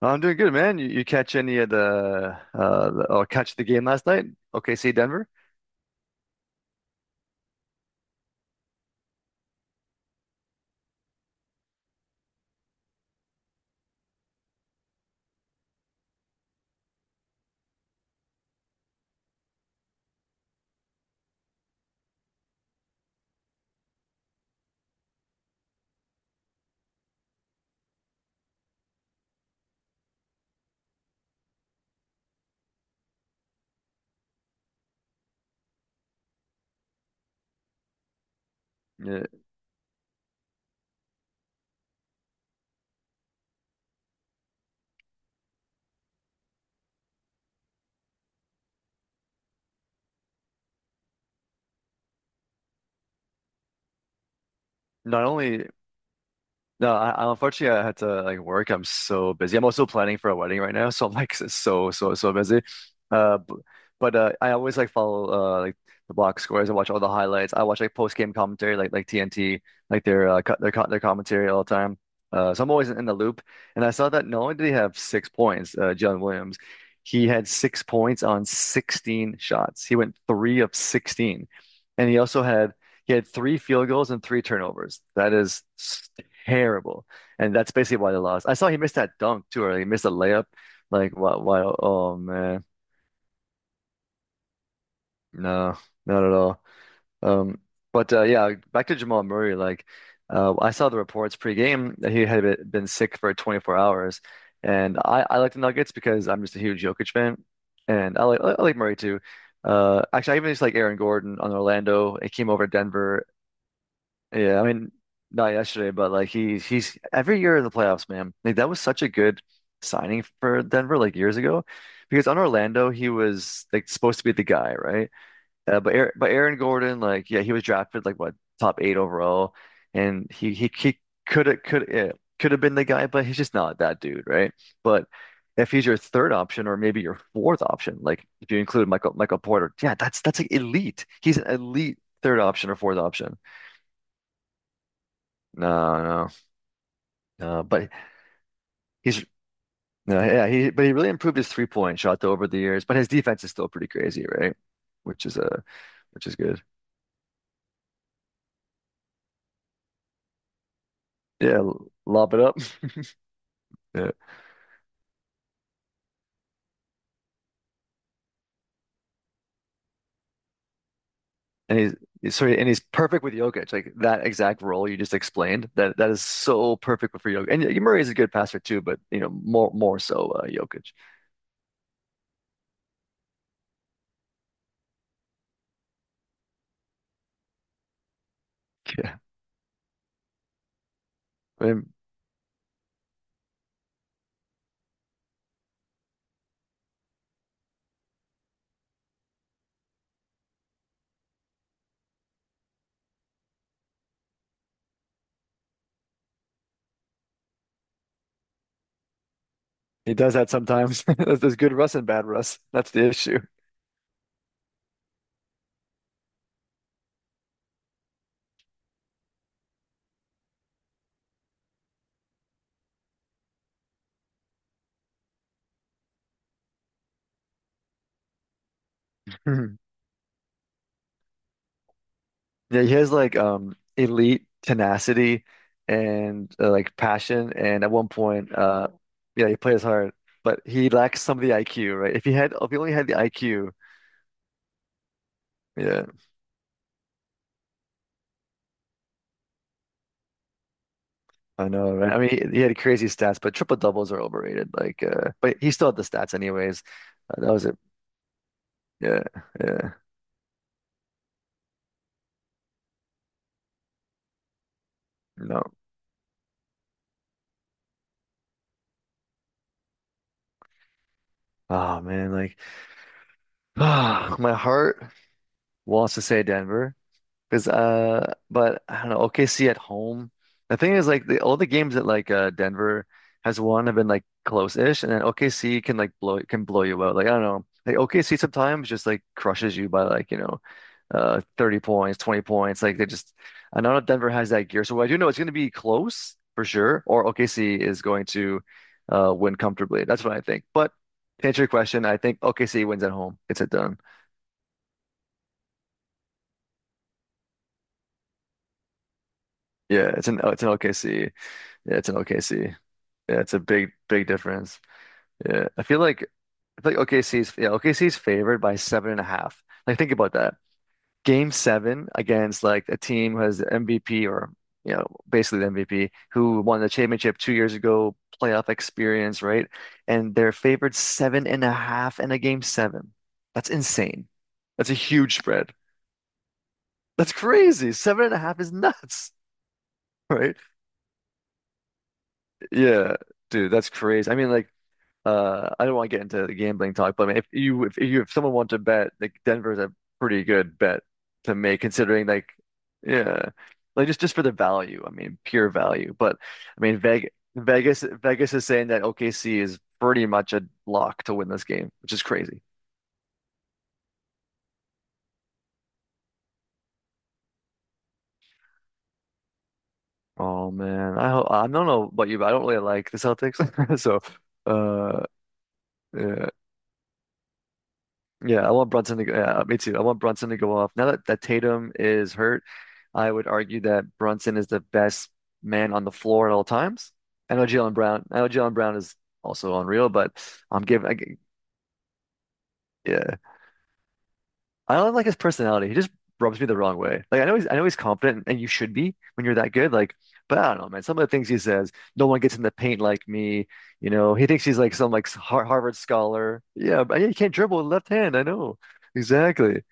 No, I'm doing good, man. You catch any of the or catch the game last night? OKC Denver. Yeah. Not only No, unfortunately I had to like work. I'm so busy. I'm also planning for a wedding right now, so I'm like so busy. Uh, b- but I always like follow like the box scores. I watch all the highlights. I watch like post game commentary, like TNT, like their co their co their commentary all the time. So I'm always in the loop. And I saw that not only did he have six points, John Williams, he had six points on 16 shots. He went three of 16, and he also had. He had three field goals and three turnovers. That is terrible. And that's basically why they lost. I saw he missed that dunk too, or he missed a layup. Like, why, oh man, no, not at all. Um, but yeah, back to Jamal Murray. Like, I saw the reports pre-game that he had been sick for 24 hours, and I like the Nuggets because I'm just a huge Jokic fan, and I like Murray too. Actually, I even just like Aaron Gordon on Orlando. It came over to Denver. Yeah, I mean, not yesterday, but like he's every year in the playoffs, man. Like that was such a good signing for Denver like years ago, because on Orlando he was like supposed to be the guy, right? But Aaron Gordon, like yeah, he was drafted like what top eight overall, and he could have could have been the guy, but he's just not that dude, right? But if he's your third option or maybe your fourth option, like if you include Michael Porter, yeah, that's like elite. He's an elite third option or fourth option. No, no. But he's no, yeah, he really improved his three point shot though over the years. But his defense is still pretty crazy, right? Which is uh, which is good. Yeah, lob it up. Yeah, and he's, and he's perfect with Jokic, like that exact role you just explained. That is so perfect for Jokic. And yeah, Murray is a good passer too, but more so Jokic. Yeah, I mean, he does that sometimes. There's good Russ and bad Russ. That's the issue. Yeah, he has like elite tenacity and like passion. And at one point, yeah, he plays hard, but he lacks some of the IQ, right? If he only had the IQ, yeah, I know, right? I mean, he had crazy stats, but triple doubles are overrated. Like, but he still had the stats anyways. That was it. Yeah, yeah, no. Oh man, like, ah, my heart wants to say Denver. Because but I don't know, OKC at home. The thing is, like all the games that like Denver has won have been like close-ish, and then OKC can like blow you out. Like I don't know, like OKC sometimes just like crushes you by like 30 points, 20 points. Like they just, I don't know if Denver has that gear. So I do know it's going to be close for sure, or OKC is going to win comfortably. That's what I think. But to answer your question, I think OKC wins at home. It's a done. Yeah, it's an OKC. Yeah, it's an OKC. Yeah, it's a big, big difference. Yeah, I feel like OKC's OKC's favored by seven and a half. Like think about that. Game seven against like a team who has MVP or basically the MVP who won the championship two years ago, playoff experience, right? And they're favored seven and a half in a game seven. That's insane. That's a huge spread. That's crazy. Seven and a half is nuts, right? Yeah, dude, that's crazy. I mean, like. I don't want to get into the gambling talk, but I mean, if you if someone wants to bet, like Denver's a pretty good bet to make, considering like yeah, like just for the value. I mean, pure value. But I mean, Vegas is saying that OKC is pretty much a lock to win this game, which is crazy. Oh man, I don't know about you, but I don't really like the Celtics. So, uh, yeah. Yeah, I want Brunson to go. Yeah, me too. I want Brunson to go off. Now that Tatum is hurt, I would argue that Brunson is the best man on the floor at all times. I know Jalen Brown. I know Jalen Brown is also unreal, but I'm giving. I, g- yeah, I don't like his personality. He just rubs me the wrong way. Like I know he's confident, and you should be when you're that good. Like, but I don't know, man. Some of the things he says, no one gets in the paint like me. You know, he thinks he's like some like Harvard scholar. Yeah, but yeah, he can't dribble with left hand. I know exactly.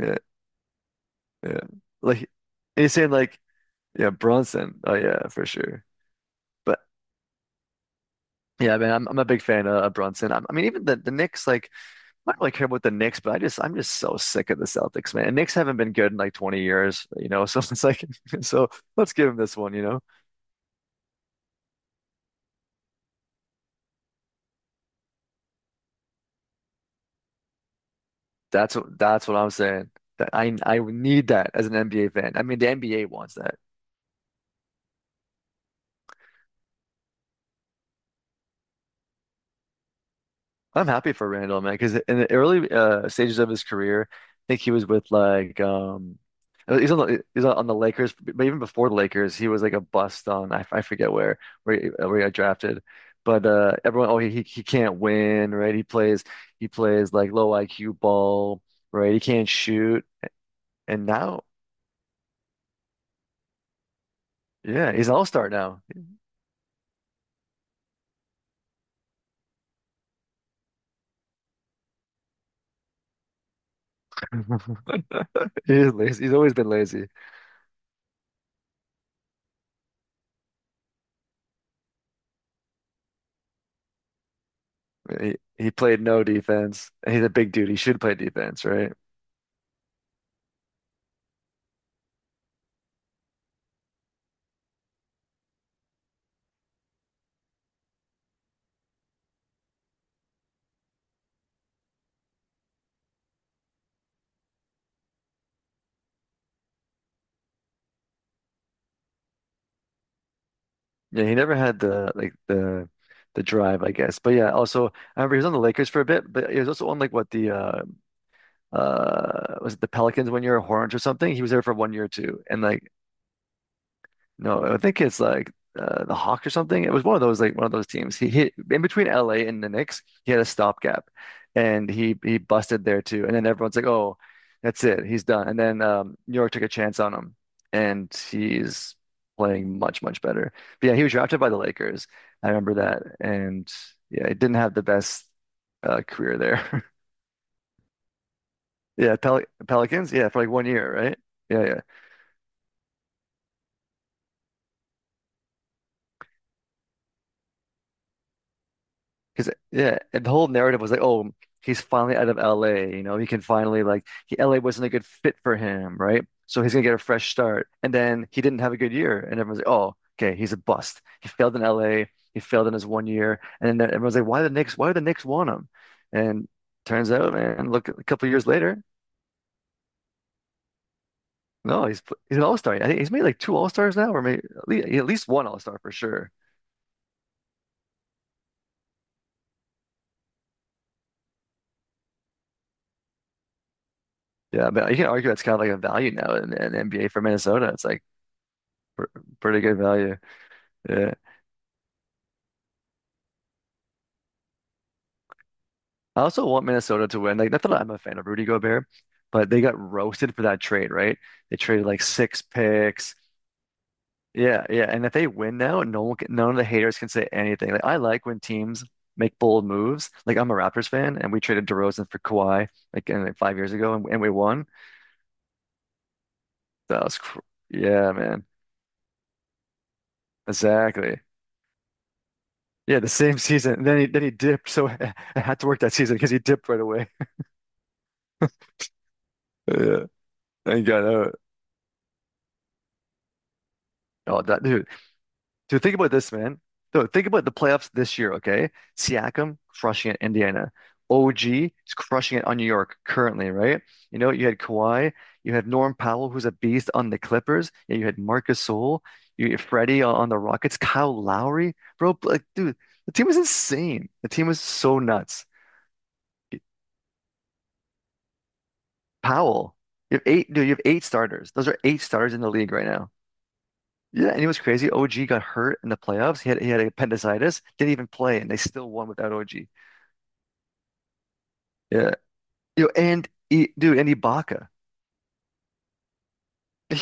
Yeah. Yeah. Like and you're saying like yeah, Bronson. Oh yeah, for sure. But yeah, man, I'm a big fan of Brunson. I mean, even the Knicks, like I don't really care about the Knicks, but I'm just so sick of the Celtics, man. And Knicks haven't been good in like 20 years. So it's like So let's give them this one. That's what I'm saying. That I need that as an NBA fan. I mean, the NBA wants that. I'm happy for Randall, man, because in the early stages of his career, I think he was with like he's on the Lakers, but even before the Lakers, he was like a bust I forget where he got drafted, but everyone, oh, he can't win, right? He plays like low IQ ball, right? He can't shoot. And now, yeah, he's an all-star now. He is lazy. He's always been lazy. He played no defense. He's a big dude. He should play defense, right? Yeah, he never had the like the drive, I guess. But yeah, also I remember he was on the Lakers for a bit, but he was also on like what the was it the Pelicans one year or Hornets or something? He was there for one year too. And like no, I think it's like the Hawks or something. It was one of those teams. He hit in between LA and the Knicks. He had a stopgap, and he busted there too. And then everyone's like, "Oh, that's it. He's done." And then New York took a chance on him, and he's playing much much better. But yeah, he was drafted by the Lakers. I remember that, and yeah, he didn't have the best career there. Yeah, Pelicans. Yeah, for like one year, right? Yeah, yeah. Because yeah, and the whole narrative was like, oh, he's finally out of LA. You know, he can finally like he, LA wasn't a good fit for him, right? So he's gonna get a fresh start. And then he didn't have a good year, and everyone's like, oh, okay, he's a bust. He failed in LA. He failed in his one year. And then everyone's like, why the Knicks? Why do the Knicks want him? And turns out, man, look, a couple years later, no, he's an all-star. I think he's made like two all-stars now, or maybe at least, one all-star for sure. Yeah, but you can argue that's kind of like a value now in NBA for Minnesota. It's like pr pretty good value. Yeah. I also want Minnesota to win. Like, not that I'm a fan of Rudy Gobert, but they got roasted for that trade, right? They traded like six picks. Yeah, yeah. And if they win now, none of the haters can say anything. Like, I like when teams make bold moves. Like, I'm a Raptors fan, and we traded DeRozan for Kawhi like, in, like five years ago, and, we won. That was, cr yeah, man. Exactly. Yeah, the same season. And then he dipped, so I had to work that season because he dipped right away. Yeah, and he got out. Oh, that dude. Dude, think about this, man. So think about the playoffs this year, okay? Siakam crushing it, Indiana. OG is crushing it on New York currently, right? You know, you had Kawhi, you had Norm Powell, who's a beast on the Clippers. Yeah, you had Marcus Sol, you had Freddie on the Rockets, Kyle Lowry, bro. Like, dude, the team was insane. The team was so nuts. Powell, you have eight, dude, you have eight starters. Those are eight starters in the league right now. Yeah, and he was crazy. OG got hurt in the playoffs. He had appendicitis, didn't even play, and they still won without OG. Yeah, you know, and he, dude, and Ibaka.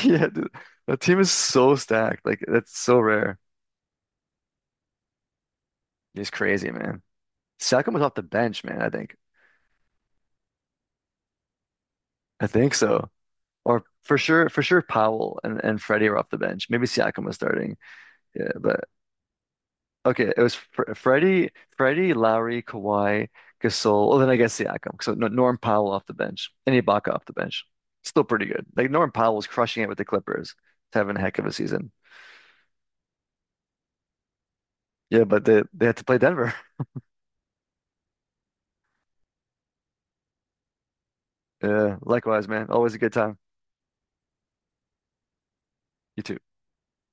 Yeah, dude, the team is so stacked. Like that's so rare. He's crazy, man. Siakam was off the bench, man. I think so, or for sure, Powell and Freddie were off the bench. Maybe Siakam was starting. Yeah, but okay, it was Freddie, Lowry, Kawhi, Gasol. Well, then I guess Siakam. So no, Norm Powell off the bench and Ibaka off the bench. Still pretty good. Like Norm Powell was crushing it with the Clippers. He's having a heck of a season. Yeah, but they had to play Denver. Yeah, likewise, man. Always a good time. You too.